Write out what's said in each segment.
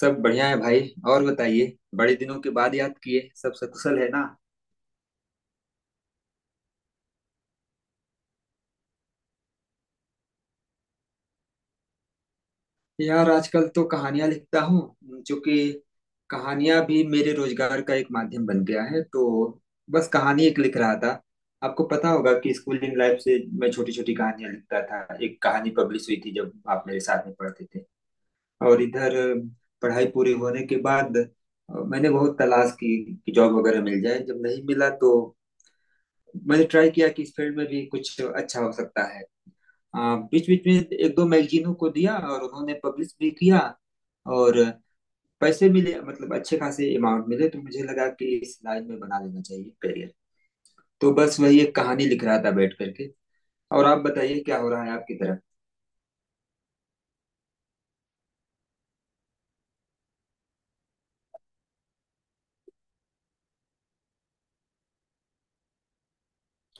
सब बढ़िया है भाई। और बताइए, बड़े दिनों के बाद याद किए, सब सकुशल है ना? यार, आजकल तो कहानियां लिखता हूँ, जो कि कहानियां भी मेरे रोजगार का एक माध्यम बन गया है, तो बस कहानी एक लिख रहा था। आपको पता होगा कि स्कूलिंग लाइफ से मैं छोटी छोटी कहानियां लिखता था। एक कहानी पब्लिश हुई थी जब आप मेरे साथ में पढ़ते थे। और इधर पढ़ाई पूरी होने के बाद मैंने बहुत तलाश की कि जॉब वगैरह मिल जाए, जब नहीं मिला तो मैंने ट्राई किया कि इस फील्ड में भी कुछ अच्छा हो सकता है। हाँ, बीच बीच में एक दो मैगजीनों को दिया और उन्होंने पब्लिश भी किया। और पैसे मिले, मतलब अच्छे खासे अमाउंट मिले, तो मुझे लगा कि इस लाइन में बना लेना चाहिए करियर। तो बस वही एक कहानी लिख रहा था बैठ करके। और आप बताइए, क्या हो रहा है आपकी तरफ?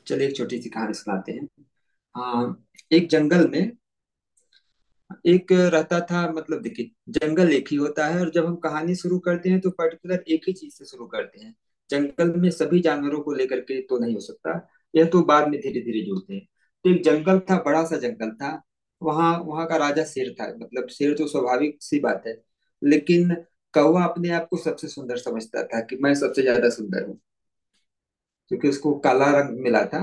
चलिए एक छोटी सी कहानी सुनाते हैं। हाँ, एक जंगल में एक रहता था, मतलब देखिए, जंगल एक ही होता है, और जब हम कहानी शुरू करते हैं तो पर्टिकुलर एक ही चीज से शुरू करते हैं। जंगल में सभी जानवरों को लेकर के तो नहीं हो सकता, यह तो बाद में धीरे धीरे जुड़ते हैं। तो एक जंगल था, बड़ा सा जंगल था। वहाँ वहाँ का राजा शेर था, मतलब शेर तो स्वाभाविक सी बात है। लेकिन कौवा अपने आप को सबसे सुंदर समझता था कि मैं सबसे ज्यादा सुंदर हूँ, क्योंकि उसको काला रंग मिला था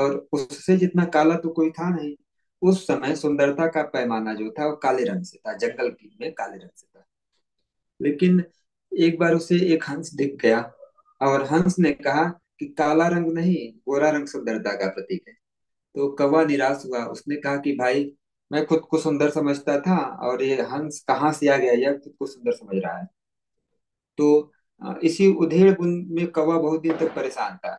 और उससे जितना काला तो कोई था नहीं। उस समय सुंदरता का पैमाना जो था वो काले रंग से था, जंगल की में काले रंग से था। लेकिन एक बार उसे एक हंस दिख गया, और हंस ने कहा कि काला रंग नहीं, गोरा रंग सुंदरता का प्रतीक है। तो कौवा निराश हुआ, उसने कहा कि भाई, मैं खुद को सुंदर समझता था, और ये हंस कहाँ से आ गया, यह खुद को सुंदर समझ रहा है। तो इसी उधेड़ बुन में कौवा बहुत दिन तक परेशान था।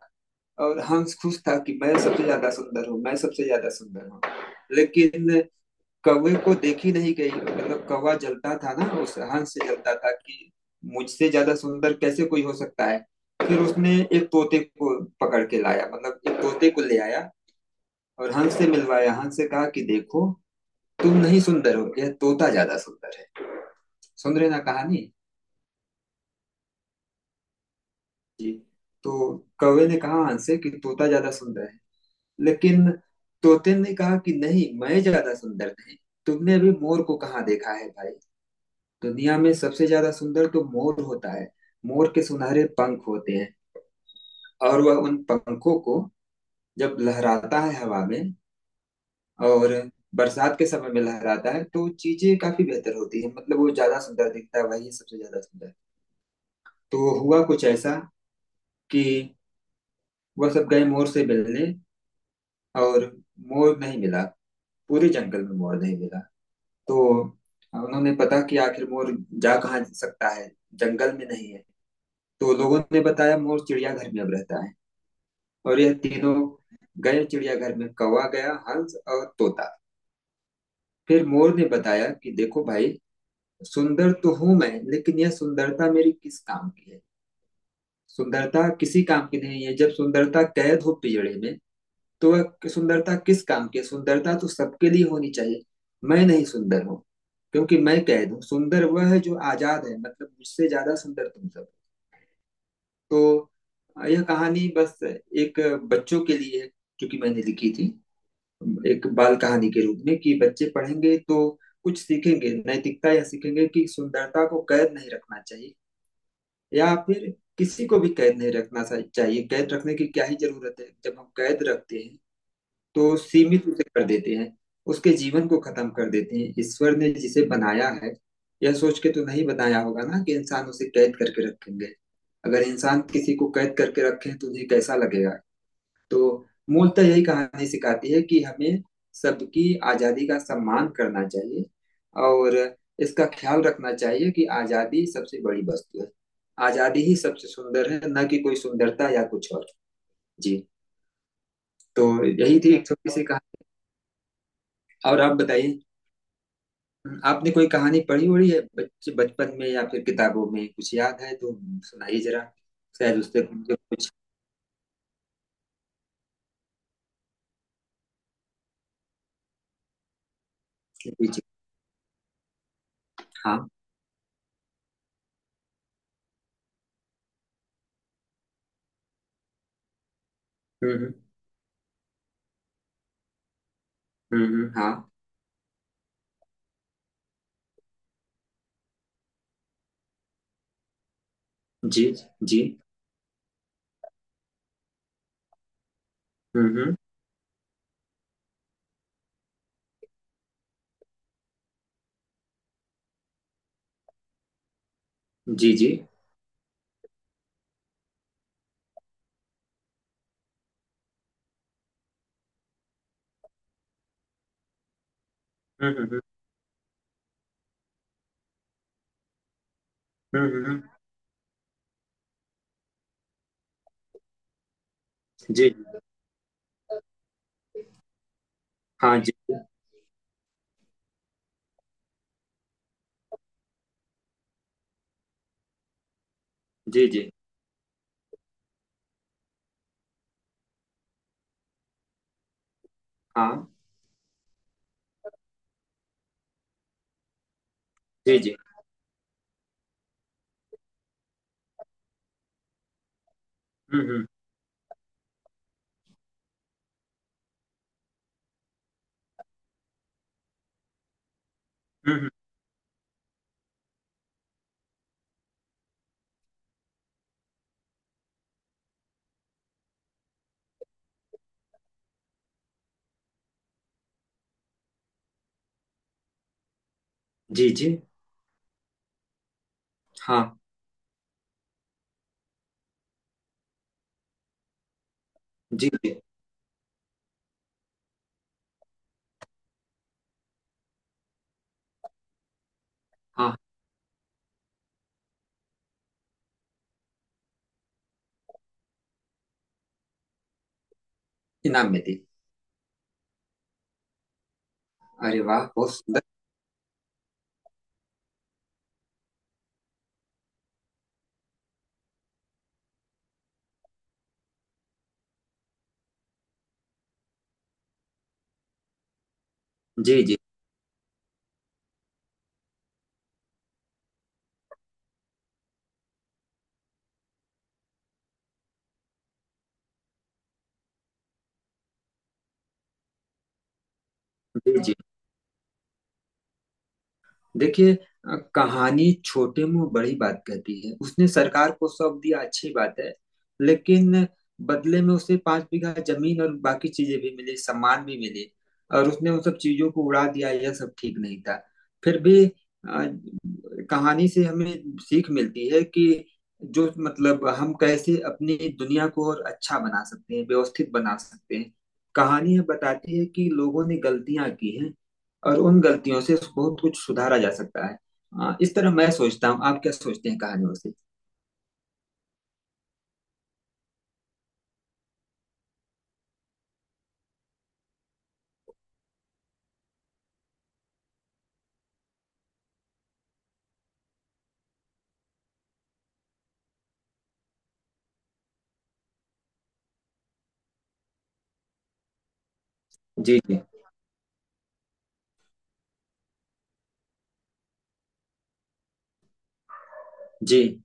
और हंस खुश था कि मैं सबसे ज्यादा सुंदर हूँ, मैं सबसे ज्यादा सुंदर हूँ। लेकिन कौवे को देखी नहीं गई, मतलब कौवा जलता था ना, उस हंस से जलता था कि मुझसे ज्यादा सुंदर कैसे कोई हो सकता है। फिर उसने एक तोते को पकड़ के लाया, मतलब एक तोते को ले आया, और हंस से मिलवाया, हंस से कहा कि देखो, तुम नहीं सुंदर हो, यह तोता ज्यादा सुंदर है। सुन रहे ना कहानी? जी। तो कौवे ने कहा हंस से कि तोता ज्यादा सुंदर है। लेकिन तोते ने कहा कि नहीं, मैं ज्यादा सुंदर नहीं, तुमने अभी मोर को कहाँ देखा है भाई? दुनिया में सबसे ज्यादा सुंदर तो मोर होता है। मोर के सुनहरे पंख होते हैं, और वह उन पंखों को जब लहराता है हवा में, और बरसात के समय में लहराता है, तो चीजें काफी बेहतर होती है, मतलब वो ज्यादा सुंदर दिखता है, वही सबसे ज्यादा सुंदर। तो हुआ कुछ ऐसा कि वह सब गए मोर से मिलने, और मोर नहीं मिला, पूरे जंगल में मोर नहीं मिला। तो उन्होंने पता कि आखिर मोर जा कहाँ सकता है, जंगल में नहीं है। तो लोगों ने बताया मोर चिड़ियाघर में अब रहता है। और यह तीनों गए चिड़ियाघर में, कौवा गया, हंस और तोता। फिर मोर ने बताया कि देखो भाई, सुंदर तो हूं मैं, लेकिन यह सुंदरता मेरी किस काम की है? सुंदरता किसी काम की नहीं है जब सुंदरता कैद हो पिंजड़े में। तो कि सुंदरता किस काम की है? सुंदरता तो सबके लिए होनी चाहिए। मैं नहीं सुंदर हूँ, क्योंकि मैं कैद हूँ। सुंदर वह है जो आजाद है, मतलब मुझसे ज्यादा सुंदर तुम सब। तो यह कहानी बस एक बच्चों के लिए है, क्योंकि मैंने लिखी थी एक बाल कहानी के रूप में कि बच्चे पढ़ेंगे तो कुछ सीखेंगे, नैतिकता यह सीखेंगे कि सुंदरता को कैद नहीं रखना चाहिए, या फिर किसी को भी कैद नहीं रखना चाहिए। कैद रखने की क्या ही जरूरत है? जब हम कैद रखते हैं तो सीमित उसे कर देते हैं, उसके जीवन को खत्म कर देते हैं। ईश्वर ने जिसे बनाया है, यह सोच के तो नहीं बनाया होगा ना कि इंसान उसे कैद करके रखेंगे। अगर इंसान किसी को कैद करके रखें तो उन्हें कैसा लगेगा? तो मूलतः यही कहानी सिखाती है कि हमें सबकी आजादी का सम्मान करना चाहिए, और इसका ख्याल रखना चाहिए कि आजादी सबसे बड़ी वस्तु है। आजादी ही सबसे सुंदर है, न कि कोई सुंदरता या कुछ और। जी। तो यही थी एक छोटी सी कहानी। और आप बताइए, आपने कोई कहानी पढ़ी हुई है बच्चे, बचपन में या फिर किताबों में कुछ याद है तो सुनाइए जरा, शायद उससे मुझे कुछ। जी जी। हाँ। हम्म। हाँ। जी जी। हम्म। जी जी। हम्म। हम्म। जी। हाँ। जी जी। जी। हाँ। जी जी। हम्म हम्म हम्म हम्म, जी जी हाँ जी जी हाँ। इनाम में थी। अरे वाह, बहुत सुंदर। जी जी। जी जी। देखिए, कहानी छोटे मुंह बड़ी बात कहती है। उसने सरकार को सौंप दिया, अच्छी बात है। लेकिन बदले में उसे पांच बीघा जमीन और बाकी चीजें भी मिली, सम्मान भी मिली, और उसने उन सब चीजों को उड़ा दिया, यह सब ठीक नहीं था। फिर भी कहानी से हमें सीख मिलती है कि जो, मतलब हम कैसे अपनी दुनिया को और अच्छा बना सकते हैं, व्यवस्थित बना सकते हैं। कहानी यह बताती है कि लोगों ने गलतियां की हैं, और उन गलतियों से बहुत कुछ सुधारा जा सकता है। इस तरह मैं सोचता हूँ, आप क्या सोचते हैं कहानियों से? जी जी। जी।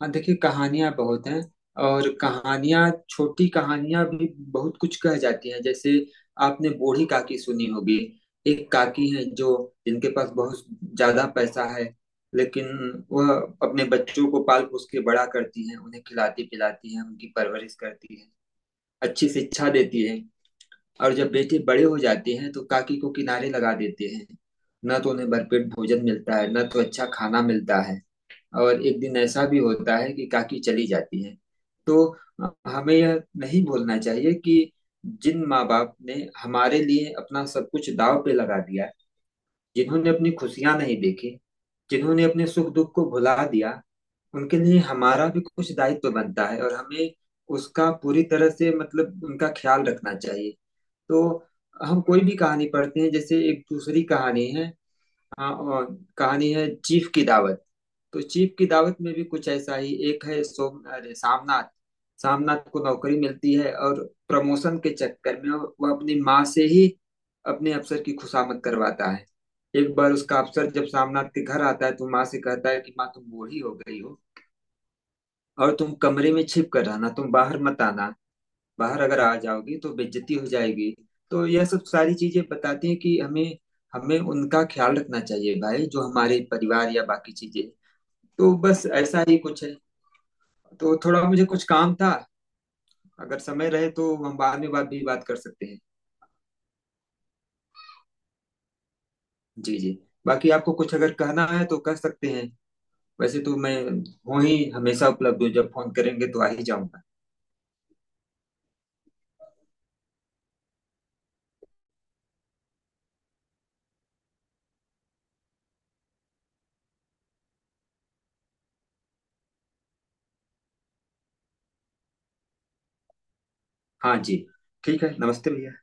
हाँ देखिए, कहानियाँ बहुत हैं, और कहानियाँ, छोटी कहानियाँ भी बहुत कुछ कह जाती हैं। जैसे आपने बूढ़ी काकी सुनी होगी। एक काकी है जो, जिनके पास बहुत ज्यादा पैसा है, लेकिन वह अपने बच्चों को पाल पोस के बड़ा करती हैं, उन्हें खिलाती पिलाती हैं, उनकी परवरिश करती है, अच्छी शिक्षा देती है। और जब बेटे बड़े हो जाते हैं तो काकी को किनारे लगा देते हैं। न तो उन्हें भरपेट भोजन मिलता है, न तो अच्छा खाना मिलता है। और एक दिन ऐसा भी होता है कि काकी चली जाती है। तो हमें यह नहीं भूलना चाहिए कि जिन माँ बाप ने हमारे लिए अपना सब कुछ दाव पे लगा दिया, जिन्होंने अपनी खुशियां नहीं देखी, जिन्होंने अपने सुख दुख को भुला दिया, उनके लिए हमारा भी कुछ दायित्व बनता है, और हमें उसका पूरी तरह से, मतलब उनका ख्याल रखना चाहिए। तो हम कोई भी कहानी पढ़ते हैं। जैसे एक दूसरी कहानी है, हाँ, और कहानी है चीफ की दावत। तो चीफ की दावत में भी कुछ ऐसा ही एक है, सोम अरे सामनाथ। सामनाथ को नौकरी मिलती है, और प्रमोशन के चक्कर में वह अपनी माँ से ही अपने अफसर की खुशामद करवाता है। एक बार उसका अफसर जब सामनाथ के घर आता है, तो माँ से कहता है कि माँ, तुम बूढ़ी हो गई हो, और तुम कमरे में छिप कर रहना, तुम बाहर मत आना। बाहर अगर आ जाओगे तो बेइज्जती हो जाएगी। तो यह सब सारी चीजें बताती हैं कि हमें, हमें उनका ख्याल रखना चाहिए भाई, जो हमारे परिवार या बाकी चीजें। तो बस ऐसा ही कुछ है। तो थोड़ा मुझे कुछ काम था, अगर समय रहे तो हम बाद में बात भी बात कर सकते हैं। जी जी। बाकी आपको कुछ अगर कहना है तो कह सकते हैं। वैसे तो मैं हूँ ही, हमेशा उपलब्ध हूँ, जब फोन करेंगे तो आ ही जाऊंगा। हाँ जी। ठीक है, नमस्ते भैया।